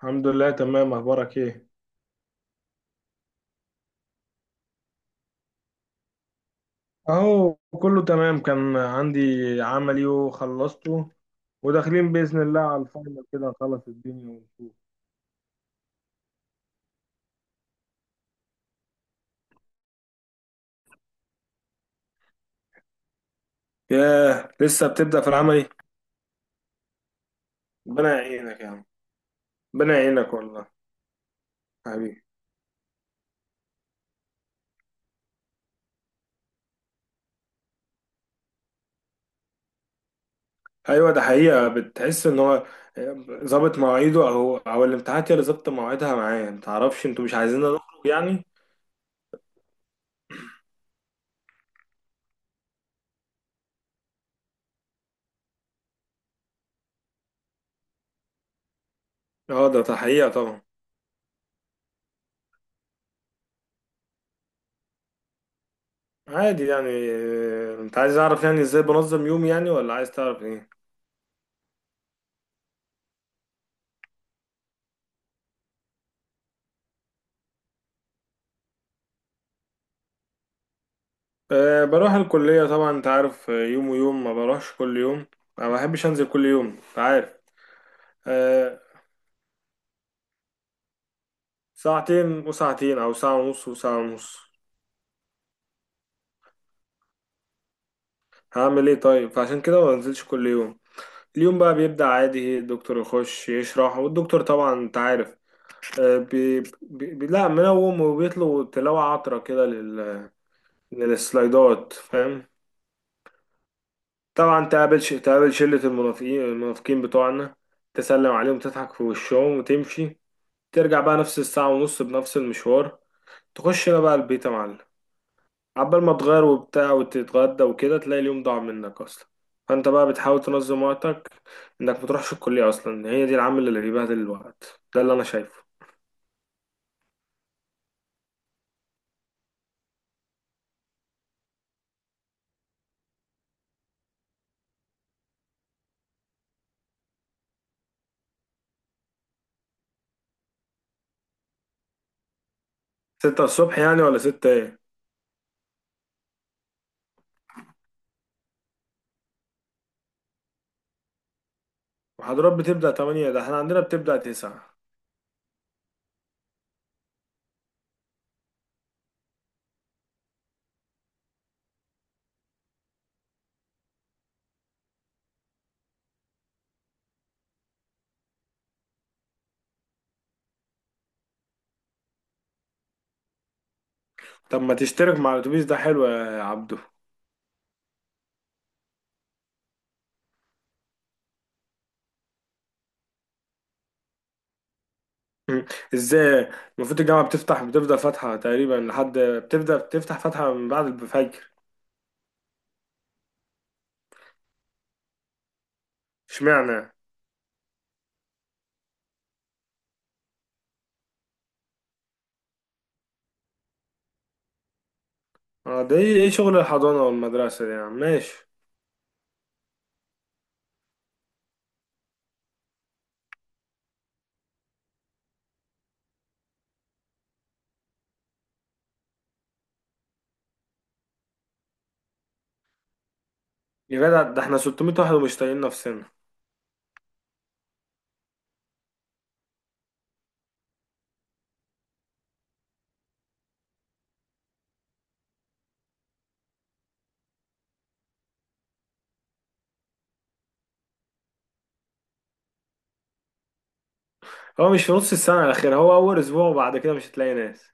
الحمد لله تمام. اخبارك ايه؟ اهو كله تمام. كان عندي عملي وخلصته، وداخلين باذن الله على الفاينل، كده نخلص الدنيا ونشوف. ياه، لسه بتبدأ في العملي. ربنا يعينك يا عم. ربنا يعينك والله. حبيبي. ايوه، ده حقيقة، بتحس ان هو ظابط مواعيده او الامتحانات هي اللي ظابطة مواعيدها معاه، متعرفش، انتوا مش عايزيننا نخرج يعني. اه، ده حقيقة طبعا. عادي يعني. انت عايز اعرف يعني ازاي بنظم يومي، يعني ولا عايز تعرف ايه؟ أه، بروح الكلية طبعا، انت عارف، يوم ويوم، ما بروحش كل يوم. ما بحبش انزل كل يوم، انت عارف. أه، ساعتين وساعتين او ساعة ونص وساعة ونص. هعمل ايه طيب، فعشان كده ما بنزلش كل يوم. اليوم بقى بيبدأ عادي، الدكتور يخش يشرح، والدكتور طبعا انت عارف. أه بي بي بي- لا، منوم، وبيطلب تلاوة عطرة كده للسلايدات، فاهم. طبعا تقابل شلة المنافقين، المنافقين بتوعنا، تسلم عليهم، تضحك في وشهم وتمشي. ترجع بقى نفس الساعة ونص بنفس المشوار. تخش هنا بقى البيت يا معلم. عبال ما تغير وبتاع وتتغدى وكده، تلاقي اليوم ضاع منك أصلا. فأنت بقى بتحاول تنظم وقتك، إنك متروحش الكلية أصلا، هي دي العامل اللي بيبهدل الوقت، ده اللي أنا شايفه. ستة الصبح يعني، ولا ستة إيه؟ محاضرات بتبدأ تمانية؟ ده احنا عندنا بتبدأ تسعة. طب ما تشترك مع الأتوبيس ده، حلو يا عبدو. مم. ازاي؟ المفروض الجامعة بتفتح، بتفضل فاتحة تقريبا، لحد بتبدأ بتفتح فاتحة من بعد الفجر. اشمعنى؟ اه، ده ايه، إيه شغل الحضانة والمدرسة دي يا عم، ماشي. يا جدع ده احنا 600 واحد ومش طايقين نفسنا. هو مش في نص السنة الأخيرة، هو أول أسبوع وبعد كده مش هتلاقي ناس.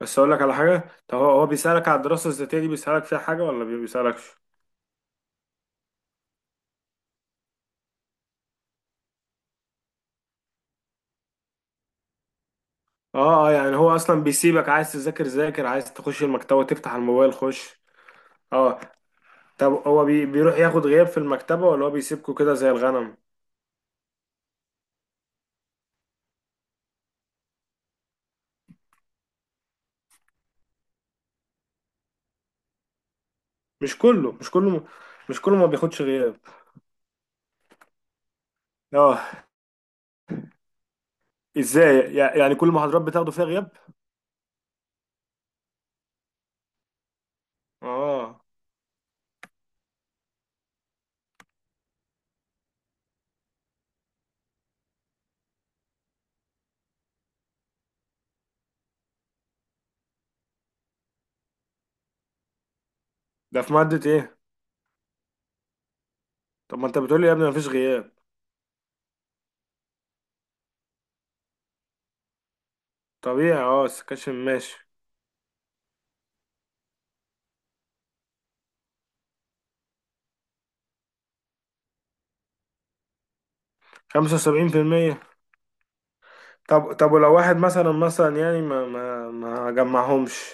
بس أقول لك على حاجة، طب هو بيسألك على الدراسة الذاتية دي، بيسألك فيها حاجة ولا ما بيسألكش؟ اه اه، يعني هو أصلا بيسيبك، عايز تذاكر ذاكر، عايز تخش المكتبة تفتح الموبايل خش. اه. طب هو بي بيروح ياخد غياب في المكتبة ولا هو بيسيبكوا كده زي الغنم؟ مش كله، مش كله. مش كله ما بياخدش غياب. اه. ازاي يعني، كل المحاضرات بتاخدوا فيها غياب؟ اه. ده في مادة ايه؟ طب ما انت بتقولي يا ابني مفيش غياب. طبيعي، اه، السكاشن ماشي. خمسة وسبعين في المية. طب ولو واحد مثلا مثلا يعني ما جمعهمش.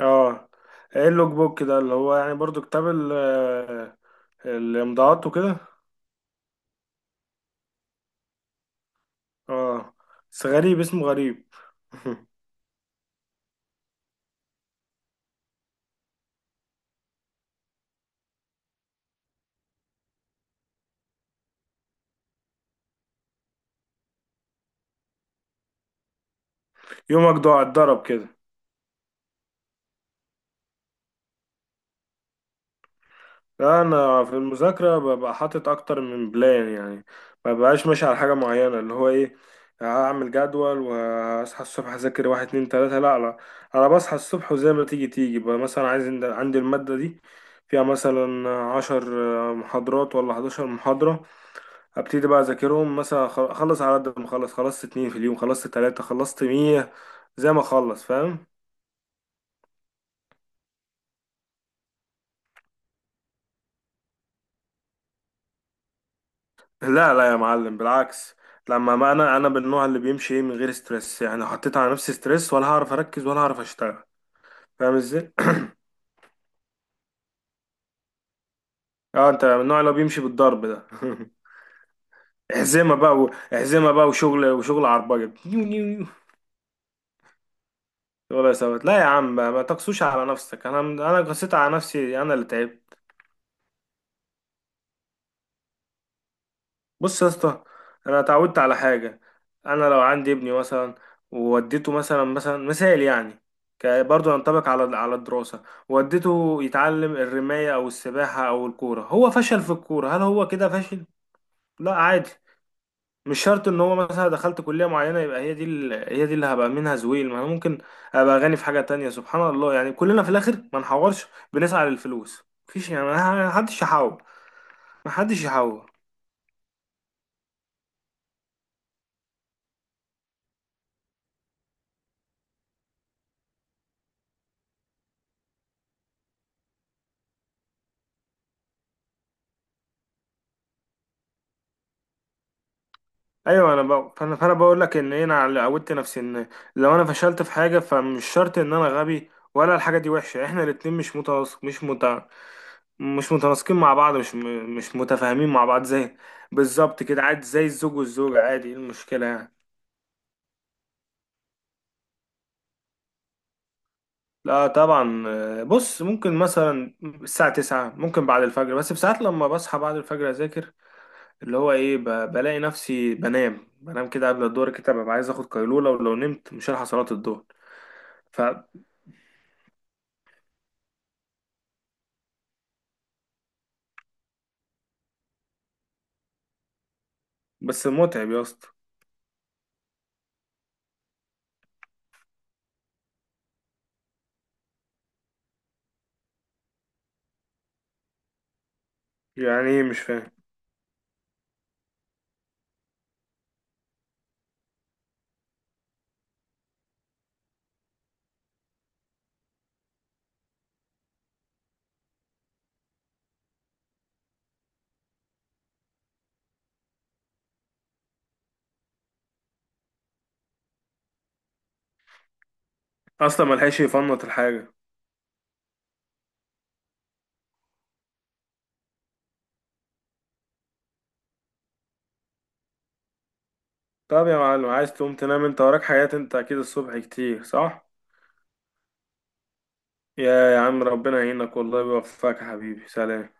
اه. ايه اللوج بوك ده، اللي هو يعني برضو كتاب الامضاءات وكده. اه. بس غريب، اسمه غريب. يومك ضاع، اتضرب كده. لا، انا في المذاكره ببقى حاطط اكتر من بلان يعني. ما ببقاش ماشي على حاجه معينه، اللي هو ايه، هعمل جدول واصحى الصبح اذاكر واحد اتنين تلاته، لا لا. انا بصحى الصبح وزي ما تيجي تيجي بقى. مثلا عايز، عندي الماده دي فيها مثلا عشر محاضرات ولا حداشر محاضره، ابتدي بقى اذاكرهم، مثلا اخلص على قد ما اخلص، خلصت اتنين في اليوم، خلصت تلاته، خلصت مية، زي ما اخلص، فاهم. لا لا يا معلم، بالعكس. لما، ما انا انا من النوع اللي بيمشي ايه، من غير ستريس يعني. لو حطيت على نفسي ستريس ولا هعرف اركز ولا هعرف اشتغل، فاهم ازاي. اه، انت من النوع اللي هو بيمشي بالضرب ده. احزمه بقى و- احزمه بقى وشغل، وشغل عربجه نيو نيو نيو. ولا يا ثبت، لا يا عم، ما تقسوش على نفسك، انا قسيت على نفسي، انا اللي تعبت. بص يا اسطى، انا اتعودت على حاجه. انا لو عندي ابني مثلا، ووديته مثلا، مثلا مثال يعني، برضه ينطبق على الدراسه. وديته يتعلم الرمايه او السباحه او الكوره، هو فشل في الكوره، هل هو كده فاشل؟ لا عادي، مش شرط ان هو مثلا دخلت كليه معينه يبقى هي دي اللي هبقى منها زويل، ما انا ممكن ابقى غني في حاجه تانية، سبحان الله. يعني كلنا في الاخر ما نحورش، بنسعى للفلوس. مفيش يعني، ما حدش يحاول، ما حدش يحاول. ايوه، انا ب... فانا فانا بقول لك ان انا اللي عودت نفسي ان لو انا فشلت في حاجه، فمش شرط ان انا غبي، ولا الحاجه دي وحشه، احنا الاتنين مش متناسقين مع بعض، مش متفاهمين مع بعض، زي، بالظبط كده، عادي، زي الزوج والزوجه، عادي، ايه المشكله يعني. لا طبعا، بص، ممكن مثلا الساعة تسعة، ممكن بعد الفجر بس بساعات، لما بصحى بعد الفجر أذاكر. اللي هو إيه، بلاقي نفسي بنام، بنام كده قبل الظهر، كده ببقى عايز آخد قيلولة، ولو نمت مش هلحق صلاة الظهر. بس متعب يا اسطى. يعني ايه، مش فاهم. اصلا ملحقش يفنط الحاجه. طب يا معلم، عايز تقوم تنام، انت وراك حاجات، انت اكيد الصبح كتير، صح؟ يا عم ربنا يعينك والله، ويوفقك يا حبيبي، سلام.